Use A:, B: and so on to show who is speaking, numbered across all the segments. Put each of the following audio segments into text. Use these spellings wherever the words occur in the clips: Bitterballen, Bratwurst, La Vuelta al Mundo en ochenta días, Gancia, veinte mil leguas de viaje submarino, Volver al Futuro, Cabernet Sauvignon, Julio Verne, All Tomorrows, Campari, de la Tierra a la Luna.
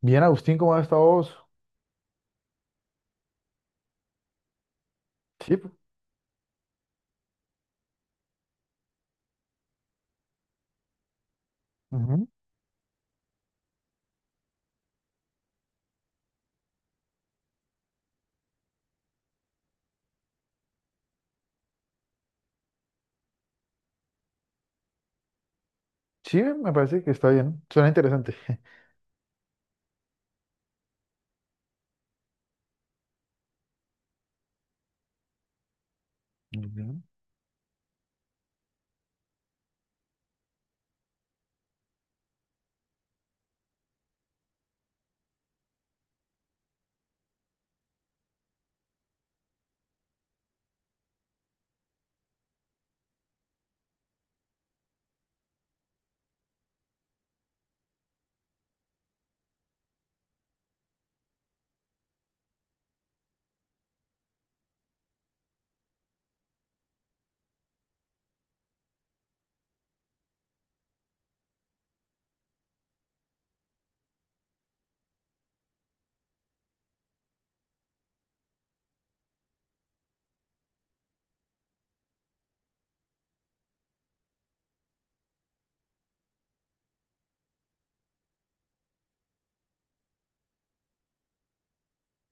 A: Bien, Agustín, ¿cómo has estado vos? Sí, ujú. Sí, me parece que está bien. Suena interesante. Ujú.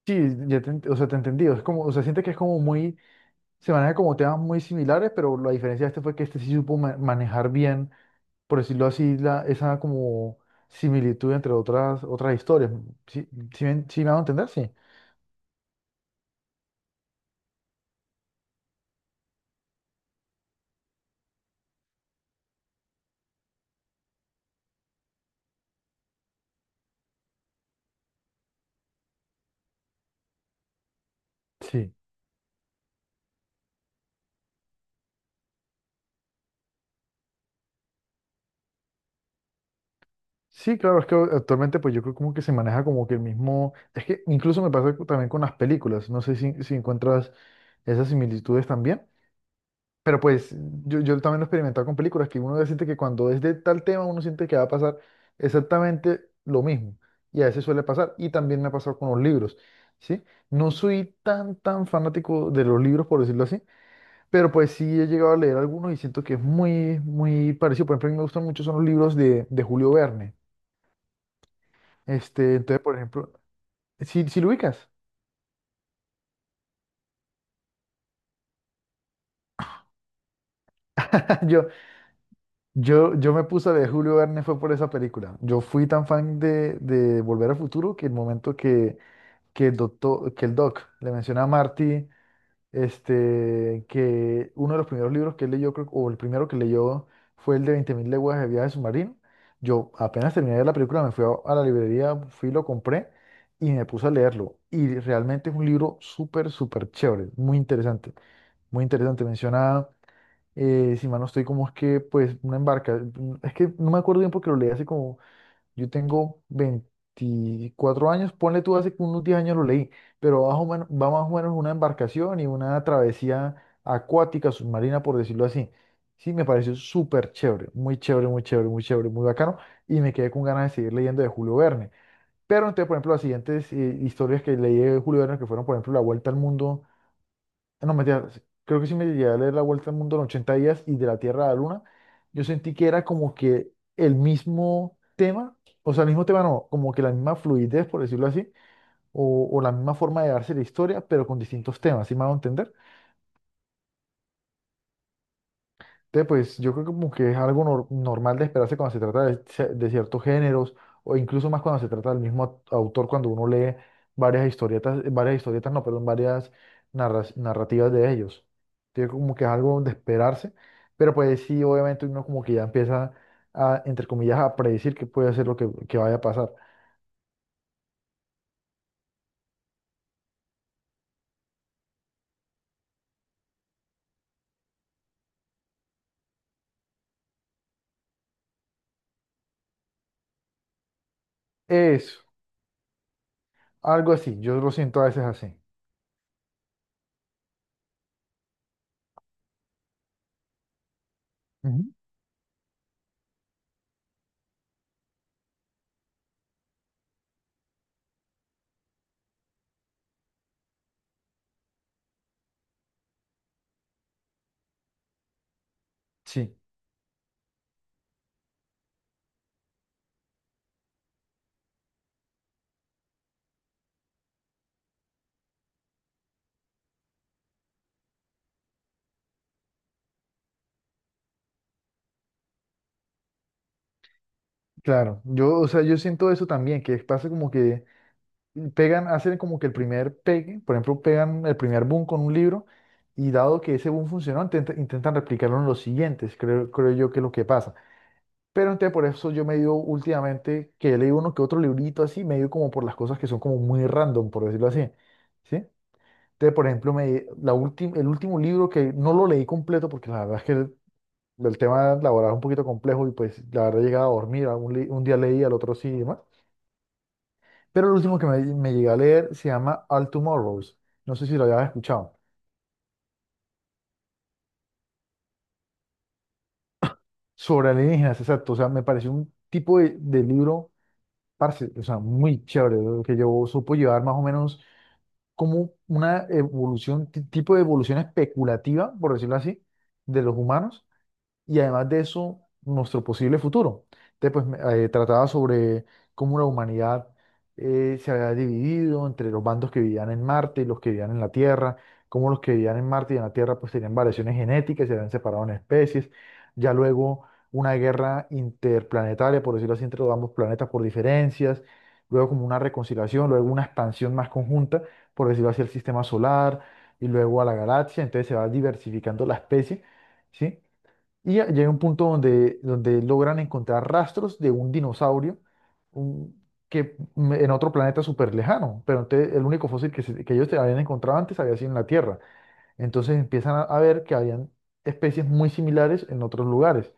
A: Sí, ya te, o sea, te entendí. Es como, o sea, siente que es como muy, se maneja como temas muy similares, pero la diferencia de este fue que este sí supo manejar bien, por decirlo así, la, esa como similitud entre otras historias. ¿Sí, sí, sí me hago entender? Sí. Sí. Sí, claro, es que actualmente pues yo creo como que se maneja como que el mismo, es que incluso me pasa también con las películas. No sé si, si encuentras esas similitudes también. Pero pues yo también lo he experimentado con películas, que uno siente que cuando es de tal tema uno siente que va a pasar exactamente lo mismo. Y a veces suele pasar. Y también me ha pasado con los libros, ¿sí? No soy tan, tan fanático de los libros, por decirlo así, pero pues sí he llegado a leer algunos y siento que es muy, muy parecido. Por ejemplo, a mí me gustan mucho son los libros de Julio Verne. Este, entonces, por ejemplo, si, si lo ubicas, yo, yo me puse a leer Julio Verne fue por esa película. Yo fui tan fan de Volver al Futuro que el momento que el doctor, que el doc le menciona a Marty, este, que uno de los primeros libros que él leyó, creo, o el primero que leyó fue el de 20.000 leguas de viaje submarino. Yo apenas terminé de ver la película, me fui a la librería, fui, lo compré y me puse a leerlo. Y realmente es un libro súper, súper chévere, muy interesante, muy interesante. Menciona, si mal no estoy, como es que, pues, una embarca, es que no me acuerdo bien porque lo leí hace como yo tengo 24 años, ponle tú hace unos 10 años lo leí, pero bajo, bueno, va más o menos una embarcación y una travesía acuática, submarina, por decirlo así. Sí, me pareció súper chévere, muy chévere, muy chévere, muy chévere, muy bacano, y me quedé con ganas de seguir leyendo de Julio Verne. Pero entonces, por ejemplo, las siguientes historias que leí de Julio Verne, que fueron, por ejemplo, La Vuelta al Mundo. Ah, no, mentira, sí, creo que sí me llegué a leer La Vuelta al Mundo en 80 días y de la Tierra a la Luna. Yo sentí que era como que el mismo tema, o sea, el mismo tema no, como que la misma fluidez, por decirlo así, o la misma forma de darse la historia, pero con distintos temas, ¿sí me hago entender? Te, pues yo creo que como que es algo normal de esperarse cuando se trata de, de ciertos géneros o incluso más cuando se trata del mismo autor, cuando uno lee varias historietas, no, perdón, varias narrativas de ellos. Entonces como que es algo de esperarse, pero pues sí, obviamente uno como que ya empieza a, entre comillas, a predecir qué puede ser lo que vaya a pasar. Eso, algo así, yo lo siento a veces así. Ujú. Sí, claro. Yo, o sea, yo siento eso también, que pasa como que pegan, hacen como que el primer pegue, por ejemplo, pegan el primer boom con un libro y dado que ese boom funcionó, intentan replicarlo en los siguientes, creo, creo yo que es lo que pasa. Pero entonces por eso yo me dio últimamente, que he leído uno que otro librito así, me dio como por las cosas que son como muy random, por decirlo así, ¿sí? Entonces, por ejemplo, me, la el último libro que no lo leí completo porque la verdad es que el tema laboral es un poquito complejo y pues la verdad llegaba a dormir, a un, un día leí, al otro sí y demás, pero el último que me llegué a leer se llama All Tomorrows. No sé si lo habías escuchado. Sobre alienígenas, exacto. O sea, me pareció un tipo de libro, parce, o sea, muy chévere, lo que yo supo llevar más o menos como una evolución, tipo de evolución especulativa, por decirlo así, de los humanos y además de eso, nuestro posible futuro. Entonces, trataba sobre cómo la humanidad se había dividido entre los bandos que vivían en Marte y los que vivían en la Tierra, cómo los que vivían en Marte y en la Tierra pues tenían variaciones genéticas, se habían separado en especies, ya luego una guerra interplanetaria, por decirlo así, entre los ambos planetas por diferencias, luego como una reconciliación, luego una expansión más conjunta, por decirlo así, el sistema solar y luego a la galaxia, entonces se va diversificando la especie. ¿Sí? Y ya llega un punto donde, donde logran encontrar rastros de un dinosaurio un- en otro planeta súper lejano, pero entonces el único fósil que, que ellos te habían encontrado antes había sido en la Tierra. Entonces empiezan a ver que habían especies muy similares en otros lugares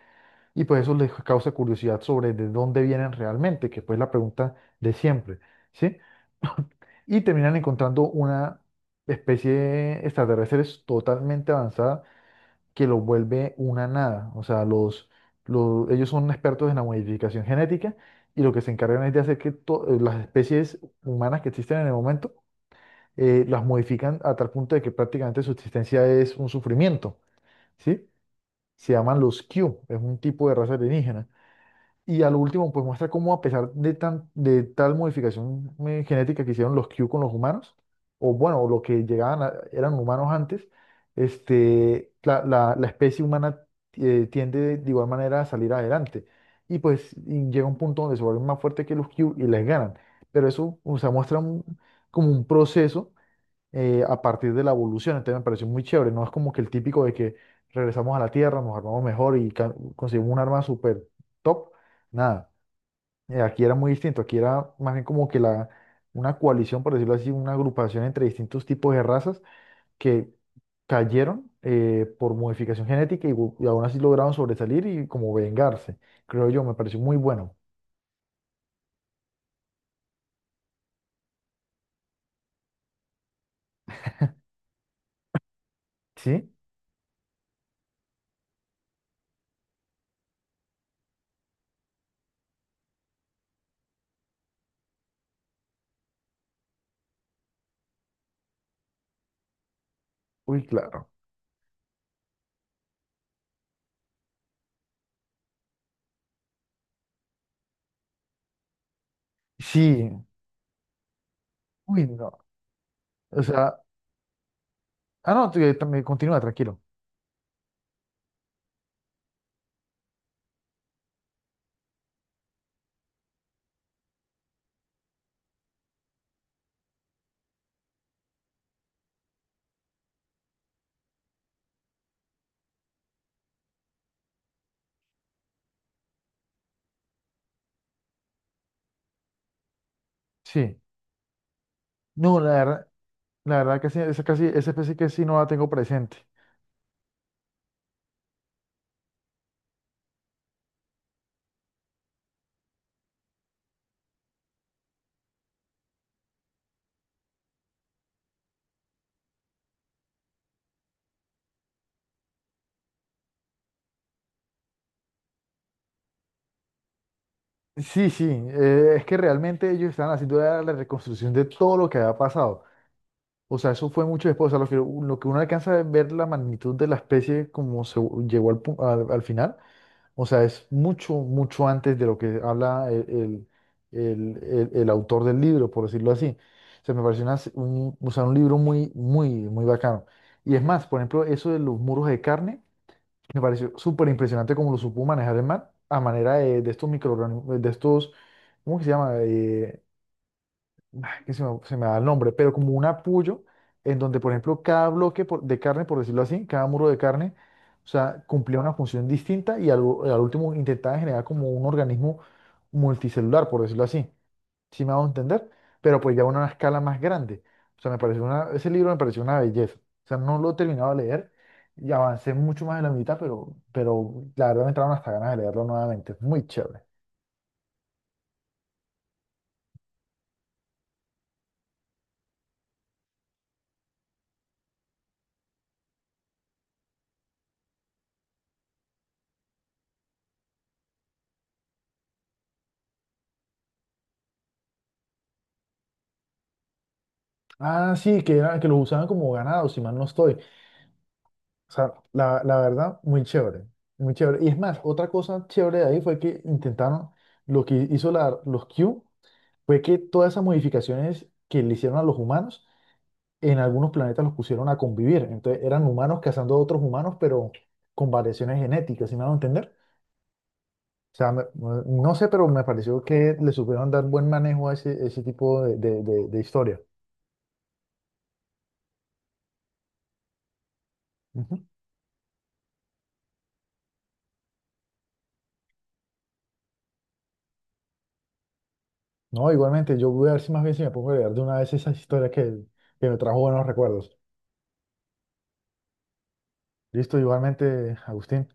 A: y pues eso les causa curiosidad sobre de dónde vienen realmente, que pues es la pregunta de siempre, ¿sí? Y terminan encontrando una especie extraterrestre totalmente avanzada que los vuelve una nada. O sea, ellos son expertos en la modificación genética y lo que se encargan es de hacer que las especies humanas que existen en el momento las modifican a tal punto de que prácticamente su existencia es un sufrimiento, ¿sí? Se llaman los Q, es un tipo de raza alienígena. Y al último, pues muestra cómo a pesar de, tan, de tal modificación genética que hicieron los Q con los humanos, o bueno, lo que llegaban a- eran humanos antes, este, la, la especie humana tiende de igual manera a salir adelante. Y pues y llega un punto donde se vuelven más fuertes que los Q y les ganan. Pero eso, o sea, muestra como un proceso a partir de la evolución. Entonces me pareció muy chévere. No es como que el típico de que regresamos a la Tierra, nos armamos mejor y conseguimos un arma súper top. Nada. Aquí era muy distinto. Aquí era más bien como que la, una coalición, por decirlo así, una agrupación entre distintos tipos de razas que cayeron por modificación genética y, y aún así lograron sobresalir y como vengarse. Creo yo, me pareció muy bueno. ¿Sí? Uy, claro. Sí. Uy, no. O sea, ah, no, también continúa, tranquilo. Sí. No, la verdad que sí, esa, casi, esa especie que sí no la tengo presente. Sí, sí, es que realmente ellos estaban haciendo la reconstrucción de todo lo que había pasado. O sea, eso fue mucho después. O sea, lo que uno alcanza a ver la magnitud de la especie como se llegó al, al final. O sea, es mucho, mucho antes de lo que habla el, el autor del libro, por decirlo así. O sea, me pareció un, o sea, un libro muy, muy, muy bacano. Y es más, por ejemplo, eso de los muros de carne. Me pareció súper impresionante cómo lo supo manejar el man a manera de estos microorganismos, de estos, ¿cómo que se llama? Que se me da el nombre, pero como un apoyo en donde, por ejemplo, cada bloque de carne, por decirlo así, cada muro de carne, o sea, cumplía una función distinta y al último intentaba generar como un organismo multicelular, por decirlo así, si me hago entender, pero pues ya una escala más grande. O sea, me pareció una, ese libro me pareció una belleza. O sea, no lo he terminado de leer y avancé mucho más de la mitad, pero la verdad me entraron hasta ganas de leerlo nuevamente. Es muy chévere. Ah, sí, que, era, que los usaban como ganado, si mal no estoy. O sea, la verdad, muy chévere. Muy chévere. Y es más, otra cosa chévere de ahí fue que intentaron, lo que hizo la, los Q, fue que todas esas modificaciones que le hicieron a los humanos, en algunos planetas los pusieron a convivir. Entonces eran humanos cazando a otros humanos, pero con variaciones genéticas, ¿sí me van a entender? O sea, no sé, pero me pareció que le supieron dar buen manejo a ese tipo de historia. Ujú. No, igualmente, yo voy a ver si más bien si me pongo a leer de una vez esas historias que me trajo buenos recuerdos. Listo, igualmente, Agustín.